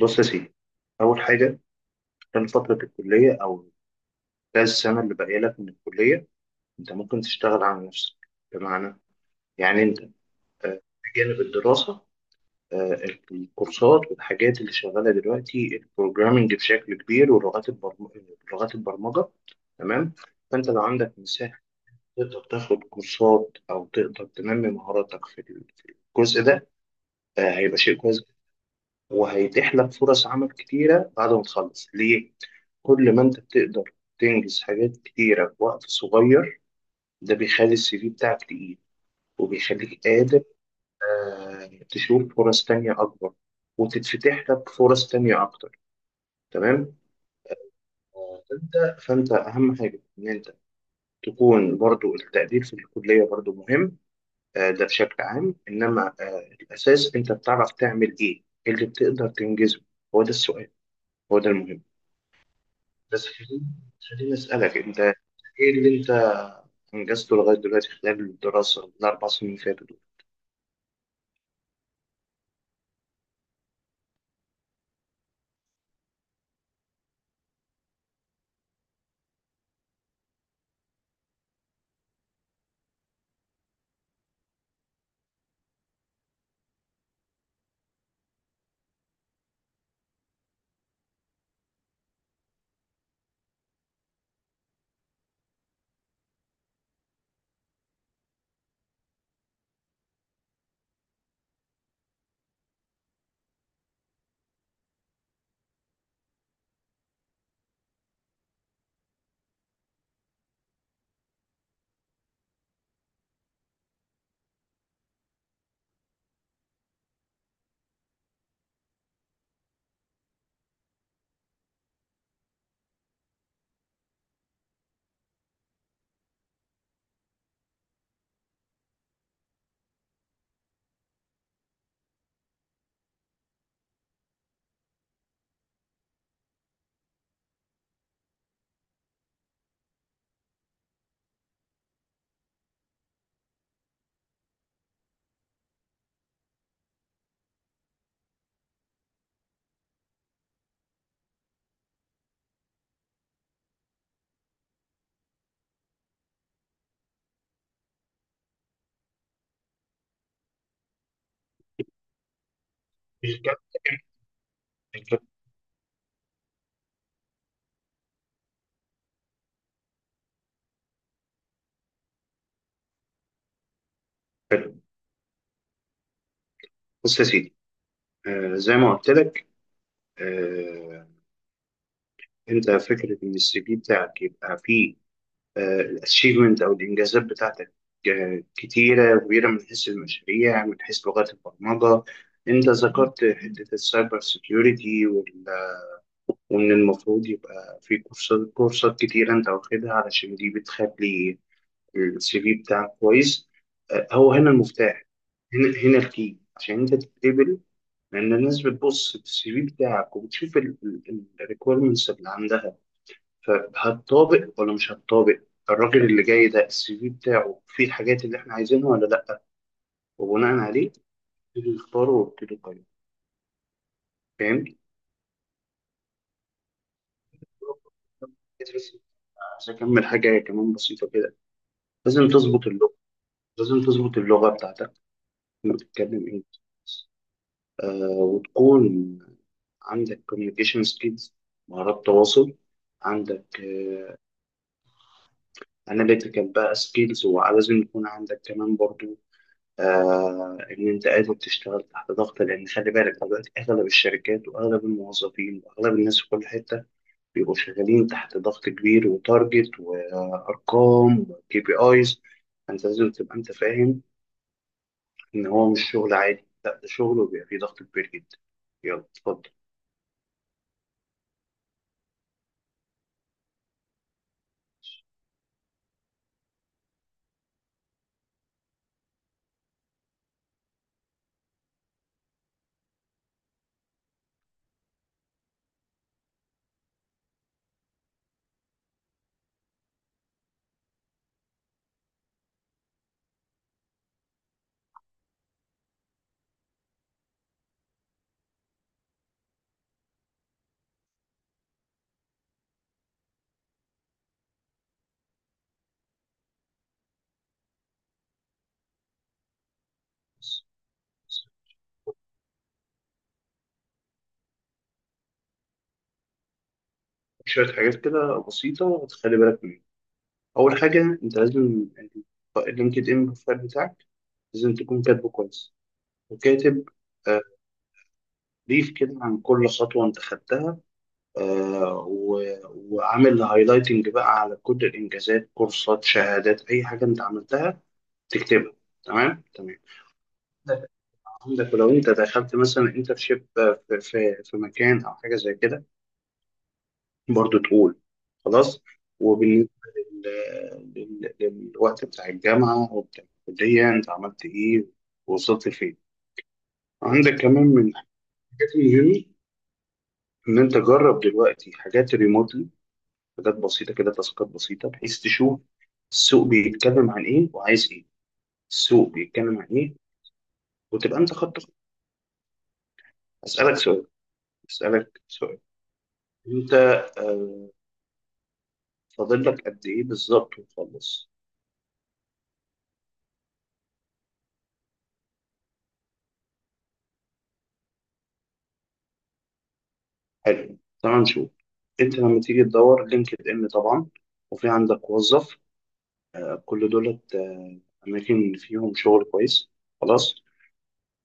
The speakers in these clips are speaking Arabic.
بص يا سيدي، أول حاجة، خلال فترة الكلية أو خلال السنة اللي باقية لك من الكلية أنت ممكن تشتغل على نفسك. بمعنى، أنت، آه، بجانب الدراسة، آه، الكورسات والحاجات اللي شغالة دلوقتي البروجرامينج بشكل كبير ولغات لغات البرمجة. تمام. فأنت لو عندك مساحة تقدر تاخد كورسات أو تقدر تنمي مهاراتك في في الجزء ده. هيبقى شيء كويس وهيتيح لك فرص عمل كتيرة بعد ما تخلص ليه؟ كل ما انت بتقدر تنجز حاجات كتيرة في وقت صغير، ده بيخلي السي في بتاعك تقيل وبيخليك قادر، تشوف فرص تانية أكبر وتتفتح لك فرص تانية أكتر. تمام. فأنت أهم حاجة إن أنت تكون برضو، التقدير في الكلية برضو مهم، ده بشكل عام، إنما الأساس أنت بتعرف تعمل إيه، إيه اللي بتقدر تنجزه. هو ده السؤال، هو ده المهم. بس خليني، أسألك أنت إيه اللي أنت أنجزته لغاية دلوقتي خلال الدراسة الأربع سنين اللي فاتوا دول. مش جد- مش جد. حلو. بص يا سيدي، زي ما قلت لك، آه أنت فكرة إن السي في بتاعك يبقى فيه الأتشيفمنت أو الإنجازات بتاعتك، كتيرة كبيرة، من حيث المشاريع، من حيث لغات البرمجة. أنت ذكرت حتة السايبر سيكيورتي ومن المفروض يبقى في كورسات كتيرة أنت واخدها، علشان دي بتخلي السي في بتاعك كويس. هو هنا المفتاح، هنا الكي عشان انت تتقبل. لان الناس بتبص في السي في بتاعك وبتشوف الريكويرمنتس اللي عندها، فهتطابق ولا مش هتطابق. الراجل اللي جاي ده السي في بتاعه فيه الحاجات اللي احنا عايزينها ولا لا، وبناء عليه نبتدي نختاره وابتدي نقيم. فاهم؟ عايز اكمل حاجه كمان بسيطه كده. لازم تظبط اللغه، لازم تظبط اللغه بتاعتك لما بتتكلم انجلش، وتكون عندك communication skills، مهارات تواصل، عندك اناليتيكال بقى سكيلز. ولازم يكون عندك كمان برضو ان انت قادر تشتغل تحت ضغط، لان خلي بالك دلوقتي اغلب الشركات واغلب الموظفين واغلب الناس في كل حته بيبقوا شغالين تحت ضغط كبير، وتارجت وارقام وكي بي ايز. فانت لازم تبقى انت فاهم ان هو مش شغل عادي، لا ده شغل وبيبقى فيه ضغط كبير جدا. يلا اتفضل. شوية حاجات كده بسيطة تخلي بالك. اول حاجه انت لازم اللينكد ان بروفايل بتاعك لازم تكون كاتبه كويس، وكاتب آه، بريف كده عن كل خطوه انت خدتها، آه، و- وعامل هايلايتنج بقى على كل الانجازات، كورسات، شهادات، اي حاجه انت عملتها تكتبها. تمام. عندك ولو انت دخلت مثلا انترشيب في في مكان او حاجه زي كده، برضو تقول. خلاص. وبالنسبة لل... للوقت بتاع الجامعة وبتاع الكلية أنت عملت إيه ووصلت فين. عندك كمان من الحاجات المهمة إن أنت جرب دلوقتي حاجات ريموتلي، حاجات بسيطة كده، تاسكات بسيطة، بحيث تشوف السوق بيتكلم عن إيه وعايز إيه. السوق بيتكلم عن إيه وتبقى أنت خدت. أسألك سؤال أسألك سؤال، أنت آه، فاضل لك قد إيه بالظبط وتخلص؟ حلو. تعال نشوف، انت لما تيجي تدور لينكد ان طبعا، وفي عندك وظف، كل دولت، اماكن فيهم شغل كويس. خلاص.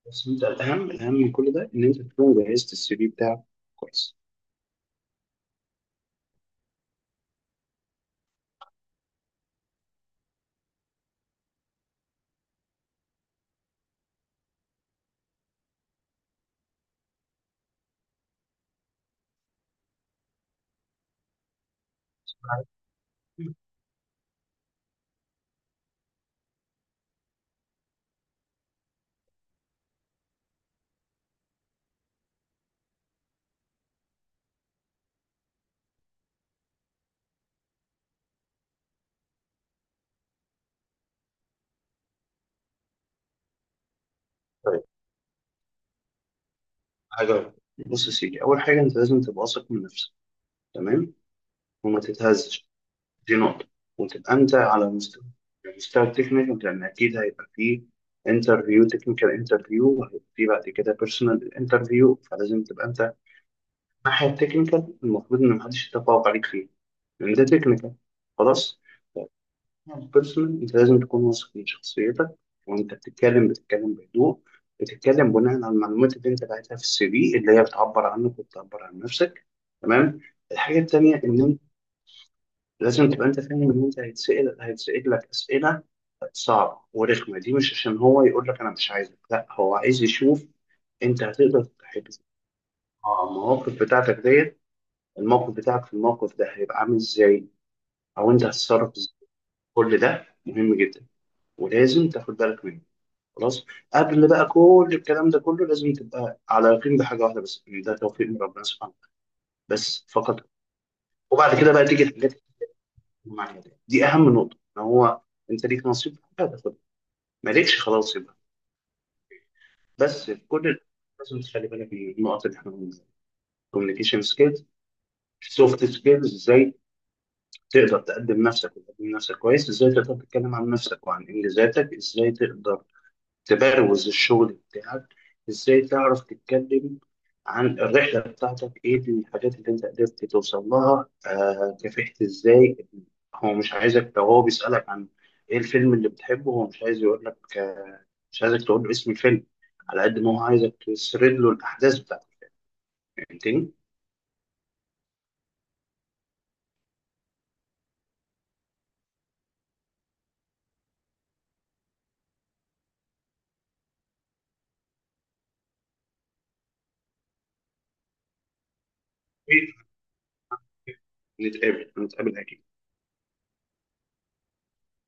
بس انت الاهم، من كل ده ان انت تكون جهزت السي في بتاعك كويس. طيب، حاجه، بص يا سيدي، اول حاجه انت لازم تبقى واثق من نفسك. تمام. وما تتهزش، دي نقطه. وتبقى انت على المستوى التكنيكال، لان اكيد هيبقى فيه انترفيو تكنيكال، وهيبقى فيه بعد كده بيرسونال انترفيو. فلازم تبقى انت الناحية التكنيكال المفروض إن محدش يتفوق عليك فيه، لأن ده تكنيكال. خلاص. البيرسونال أنت لازم تكون واثق من شخصيتك، وأنت بتتكلم بهدوء، بتتكلم بناء على المعلومات اللي أنت باعتها في السي في، اللي هي بتعبر عنك وبتعبر عن نفسك. تمام. الحاجة التانية إن أنت لازم تبقى أنت فاهم إن أنت هيتسأل لك أسئلة صعبة ورخمة، دي مش عشان هو يقول لك أنا مش عايزك، لا هو عايز يشوف أنت هتقدر تحل المواقف بتاعتك ديت. الموقف بتاعك في الموقف ده هيبقى عامل ازاي، او انت هتتصرف ازاي. كل ده مهم جدا ولازم تاخد بالك منه. خلاص. قبل بقى كل الكلام ده كله، لازم تبقى على يقين بحاجه واحده بس، ان ده توفيق من ربنا سبحانه وتعالى، بس فقط. وبعد كده بقى تيجي الحاجات المعنيه دي اهم نقطه، ان هو انت ليك نصيب في حاجه هتاخدها، مالكش خلاص يبقى. بس في كل لازم تخلي بالك من النقط اللي احنا بنقولها، كوميونيكيشن سكيلز، سوفت سكيلز. ازاي تقدر تقدم نفسك وتقدم نفسك كويس، ازاي تقدر تتكلم عن نفسك وعن انجازاتك، ازاي تقدر تبروز الشغل بتاعك، ازاي تعرف تتكلم عن الرحلة بتاعتك، ايه الحاجات اللي انت قدرت توصل لها، كافحت ازاي. هو مش عايزك، لو هو بيسألك عن ايه الفيلم اللي بتحبه، هو مش عايز، يقول لك آه مش عايزك تقول له اسم الفيلم، على قد ما هو عايزك تسرد له الاحداث بتاعتك. فهمتني؟ نتقابل أكيد.